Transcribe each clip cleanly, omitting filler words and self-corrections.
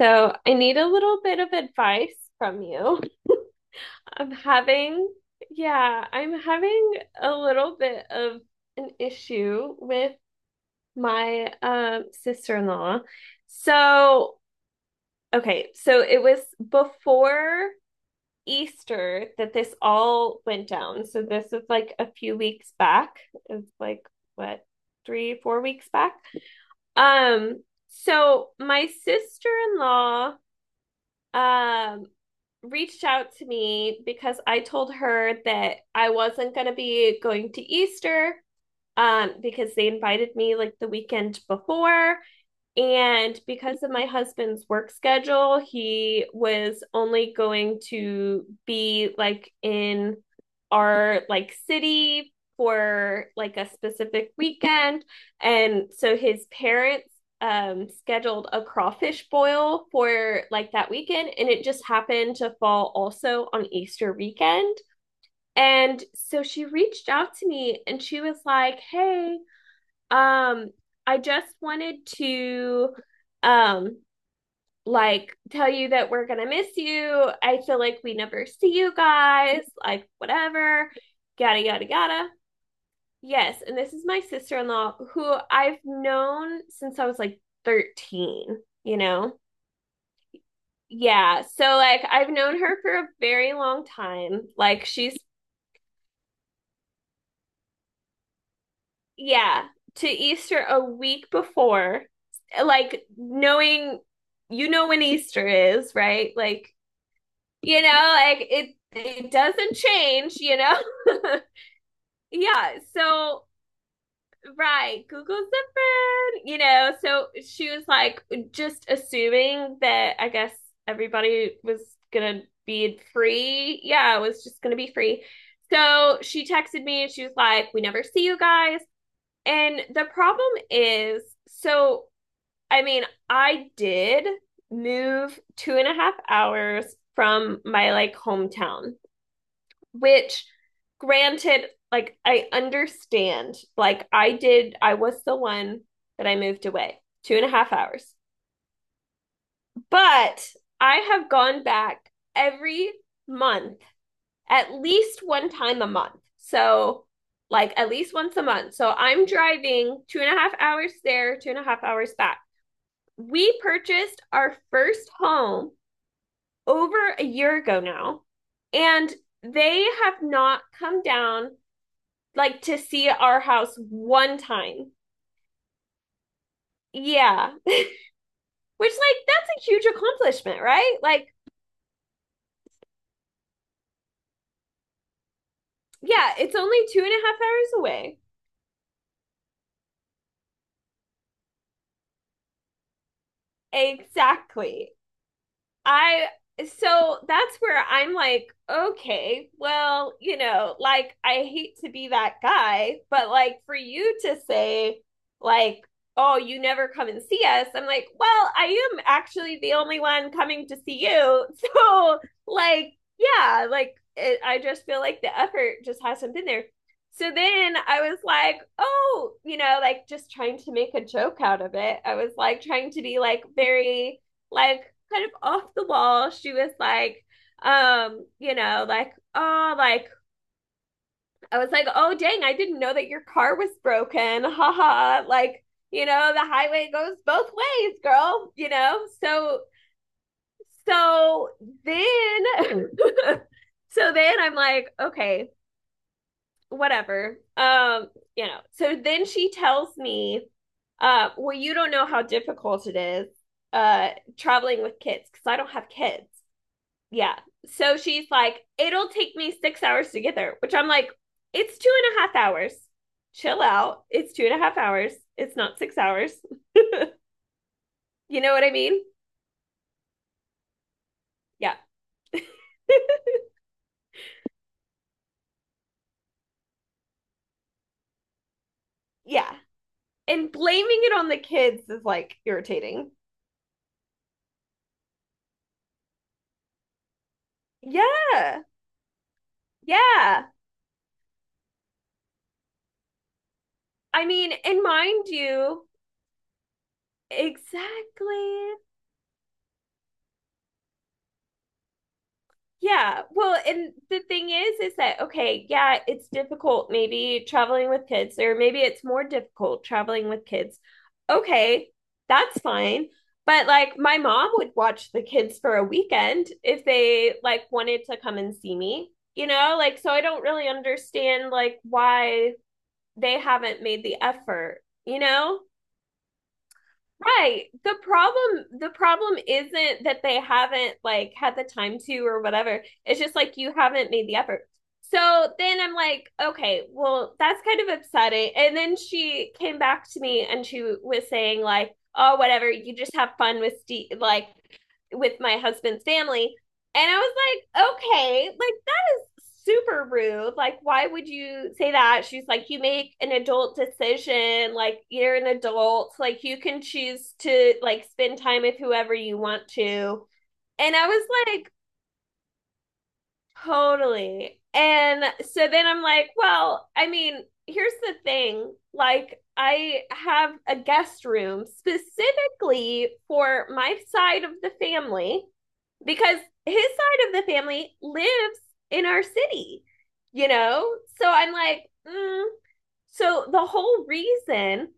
So I need a little bit of advice from you. I'm having, yeah, I'm having a little bit of an issue with my sister-in-law. So, okay, so it was before Easter that this all went down. So this is like a few weeks back. It's like what, three, 4 weeks back. Um, so my sister-in-law um reached out to me because I told her that I wasn't going to be going to Easter because they invited me like the weekend before and because of my husband's work schedule, he was only going to be like in our like city for like a specific weekend. And so his parents scheduled a crawfish boil for like that weekend and it just happened to fall also on Easter weekend. And so she reached out to me and she was like, "Hey, um, I just wanted to um like tell you that we're gonna miss you. I feel like we never see you guys, like whatever, yada yada yada. Yes, and this is my sister in law who I've known since I was like 13, you know? Yeah, so like I've known her for a very long time. Like she's Yeah, to Easter a week before, like knowing you know when Easter is, right? Like, you know, like it doesn't change, you know? Yeah, right, Google's the friend, you know. So she was like just assuming that I guess everybody was gonna be free. Yeah, it was just gonna be free. So she texted me and she was like, we never see you guys. And the problem is, so I mean, I did move 2.5 hours from my like hometown, which granted, like I understand, like I did, I was the one that I moved away 2.5 hours. But I have gone back every month at least one time a month. So, like, at least once a month. So, I'm driving 2.5 hours there, 2.5 hours back. We purchased our first home over a year ago now, and they have not come down like to see our house one time. Yeah. Which, like, that's a huge accomplishment, right? Like, yeah, it's only 2.5 hours away. Exactly. I so that's where I'm like, okay, well, you know, like I hate to be that guy, but like for you to say like, oh, you never come and see us, I'm like, well, I am actually the only one coming to see you. So like, yeah, like it, I just feel like the effort just hasn't been there. So then I was like, oh, you know, like just trying to make a joke out of it. I was like trying to be like very like kind of off the wall. She was like, you know, like, oh, like I was like, oh dang, I didn't know that your car was broken. Ha ha. Like, you know, the highway goes both ways, girl, you know? So so then so then I'm like, okay, whatever. You know. So then she tells me, well, you don't know how difficult it is uh traveling with kids because I don't have kids. Yeah. So she's like, it'll take me 6 hours to get there, which I'm like, it's 2.5 hours. Chill out. It's 2.5 hours. It's not 6 hours. You know what I mean? Yeah. Yeah. And blaming it on the kids is like irritating. Yeah. Yeah. I mean, and mind you, exactly. Yeah. Well, and the thing is that, okay, yeah, it's difficult maybe traveling with kids, or maybe it's more difficult traveling with kids. Okay, that's fine. But like my mom would watch the kids for a weekend if they like wanted to come and see me, you know? Like, so I don't really understand like why they haven't made the effort, you know? Right. The problem isn't that they haven't like had the time to or whatever. It's just like you haven't made the effort. So then I'm like, okay, well that's kind of upsetting. And then she came back to me and she was saying like, oh whatever, you just have fun with Steve like with my husband's family. And I was like, okay, like super rude. Like, why would you say that? She's like, you make an adult decision. Like, you're an adult. Like, you can choose to like spend time with whoever you want to. And I was like, totally. And so then I'm like, well, I mean, here's the thing. Like, I have a guest room specifically for my side of the family because his side of the family lives in our city, you know? So I'm like, mm. So the whole reason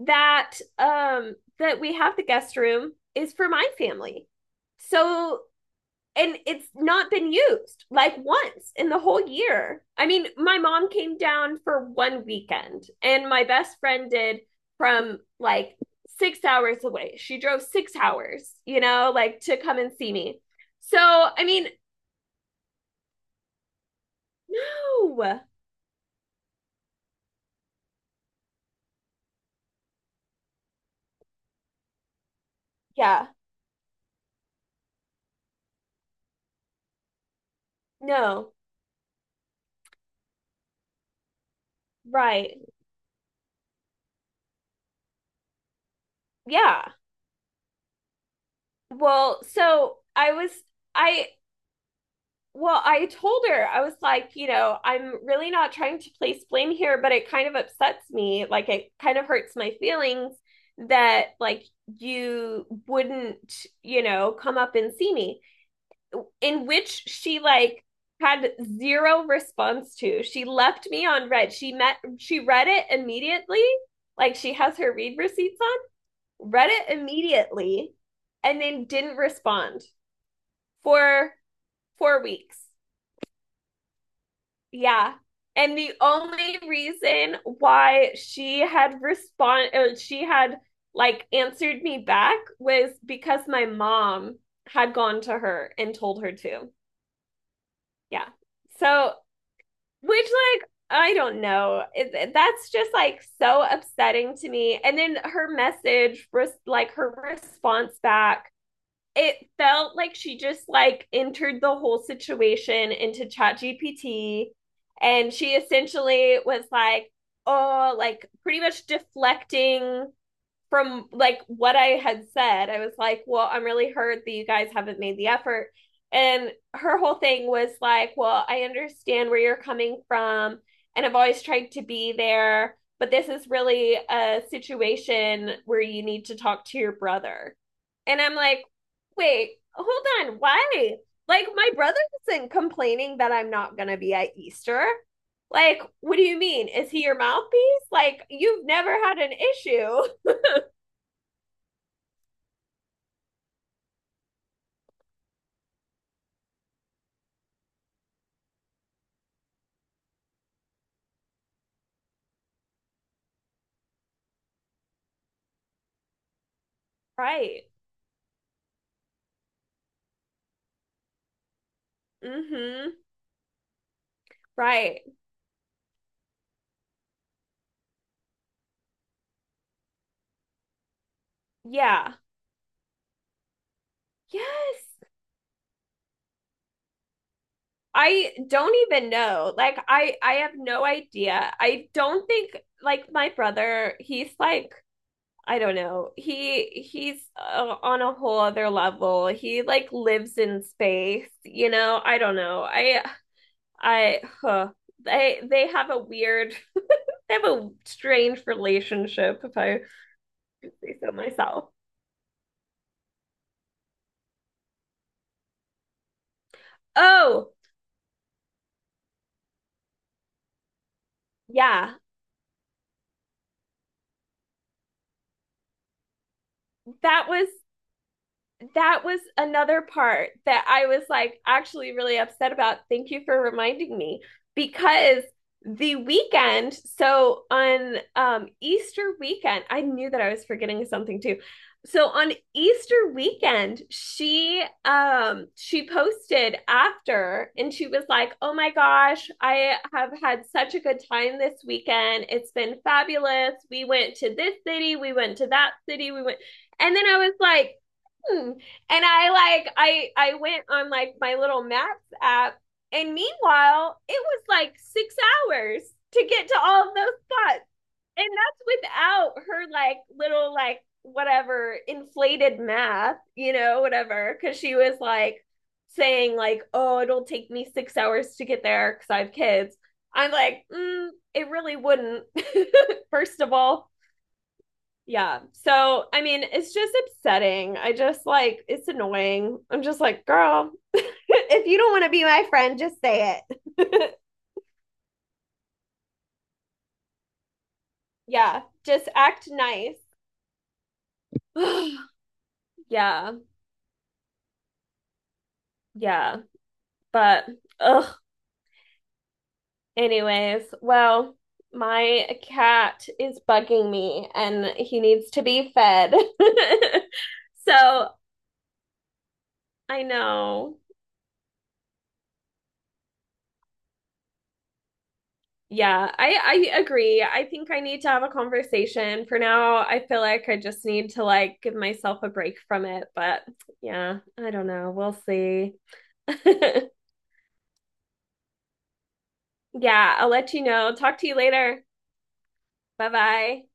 that that we have the guest room is for my family. So and it's not been used like once in the whole year. I mean, my mom came down for one weekend, and my best friend did from like 6 hours away. She drove 6 hours, you know, like to come and see me. So, I mean, no. Yeah. No. Right. Yeah. Well, so I, Well, I told her, I was like, you know, I'm really not trying to place blame here, but it kind of upsets me. Like, it kind of hurts my feelings that, like, you wouldn't, you know, come up and see me. In which she, like, had zero response to. She left me on red. She read it immediately. Like, she has her read receipts on, read it immediately, and then didn't respond for 4 weeks. Yeah. And the only reason why she had respond or she had like answered me back was because my mom had gone to her and told her to. Yeah. So, which like I don't know. That's just like so upsetting to me. And then her message, like her response back it felt like she just like entered the whole situation into ChatGPT and she essentially was like, oh, like pretty much deflecting from like what I had said, I was like, well, I'm really hurt that you guys haven't made the effort. And her whole thing was like, well, I understand where you're coming from, and I've always tried to be there, but this is really a situation where you need to talk to your brother. And I'm like, wait, hold on, why? Like, my brother isn't complaining that I'm not going to be at Easter. Like, what do you mean? Is he your mouthpiece? Like, you've never had an issue. Right. Mm-hmm. Right. Yeah. Yes. I don't even know. Like I have no idea. I don't think like my brother, he's like I don't know. He's on a whole other level. He like lives in space, you know? I don't know. I Huh. They have a weird they have a strange relationship if I say so myself. Oh, yeah. That was that was another part that I was like actually really upset about. Thank you for reminding me because the weekend, so on Easter weekend, I knew that I was forgetting something too. So on Easter weekend, she posted after and she was like, "Oh my gosh, I have had such a good time this weekend. It's been fabulous. We went to this city, we went to that city, we went." And then I was like, hmm. And I went on like my little maps app, and meanwhile, it was like 6 hours to get to all of those spots. And that's without her like little like whatever inflated math, you know, whatever, because she was like saying like, "Oh, it'll take me 6 hours to get there because I have kids." I'm like, it really wouldn't. First of all, yeah. So, I mean, it's just upsetting. I just like, it's annoying. I'm just like, girl, if you don't want to be my friend, just say it. Yeah. Just act nice. Yeah. Yeah. But, ugh. Anyways, well, my cat is bugging me and he needs to be fed. So, I know. Yeah, I agree. I think I need to have a conversation. For now, I feel like I just need to like give myself a break from it, but yeah, I don't know. We'll see. Yeah, I'll let you know. Talk to you later. Bye-bye.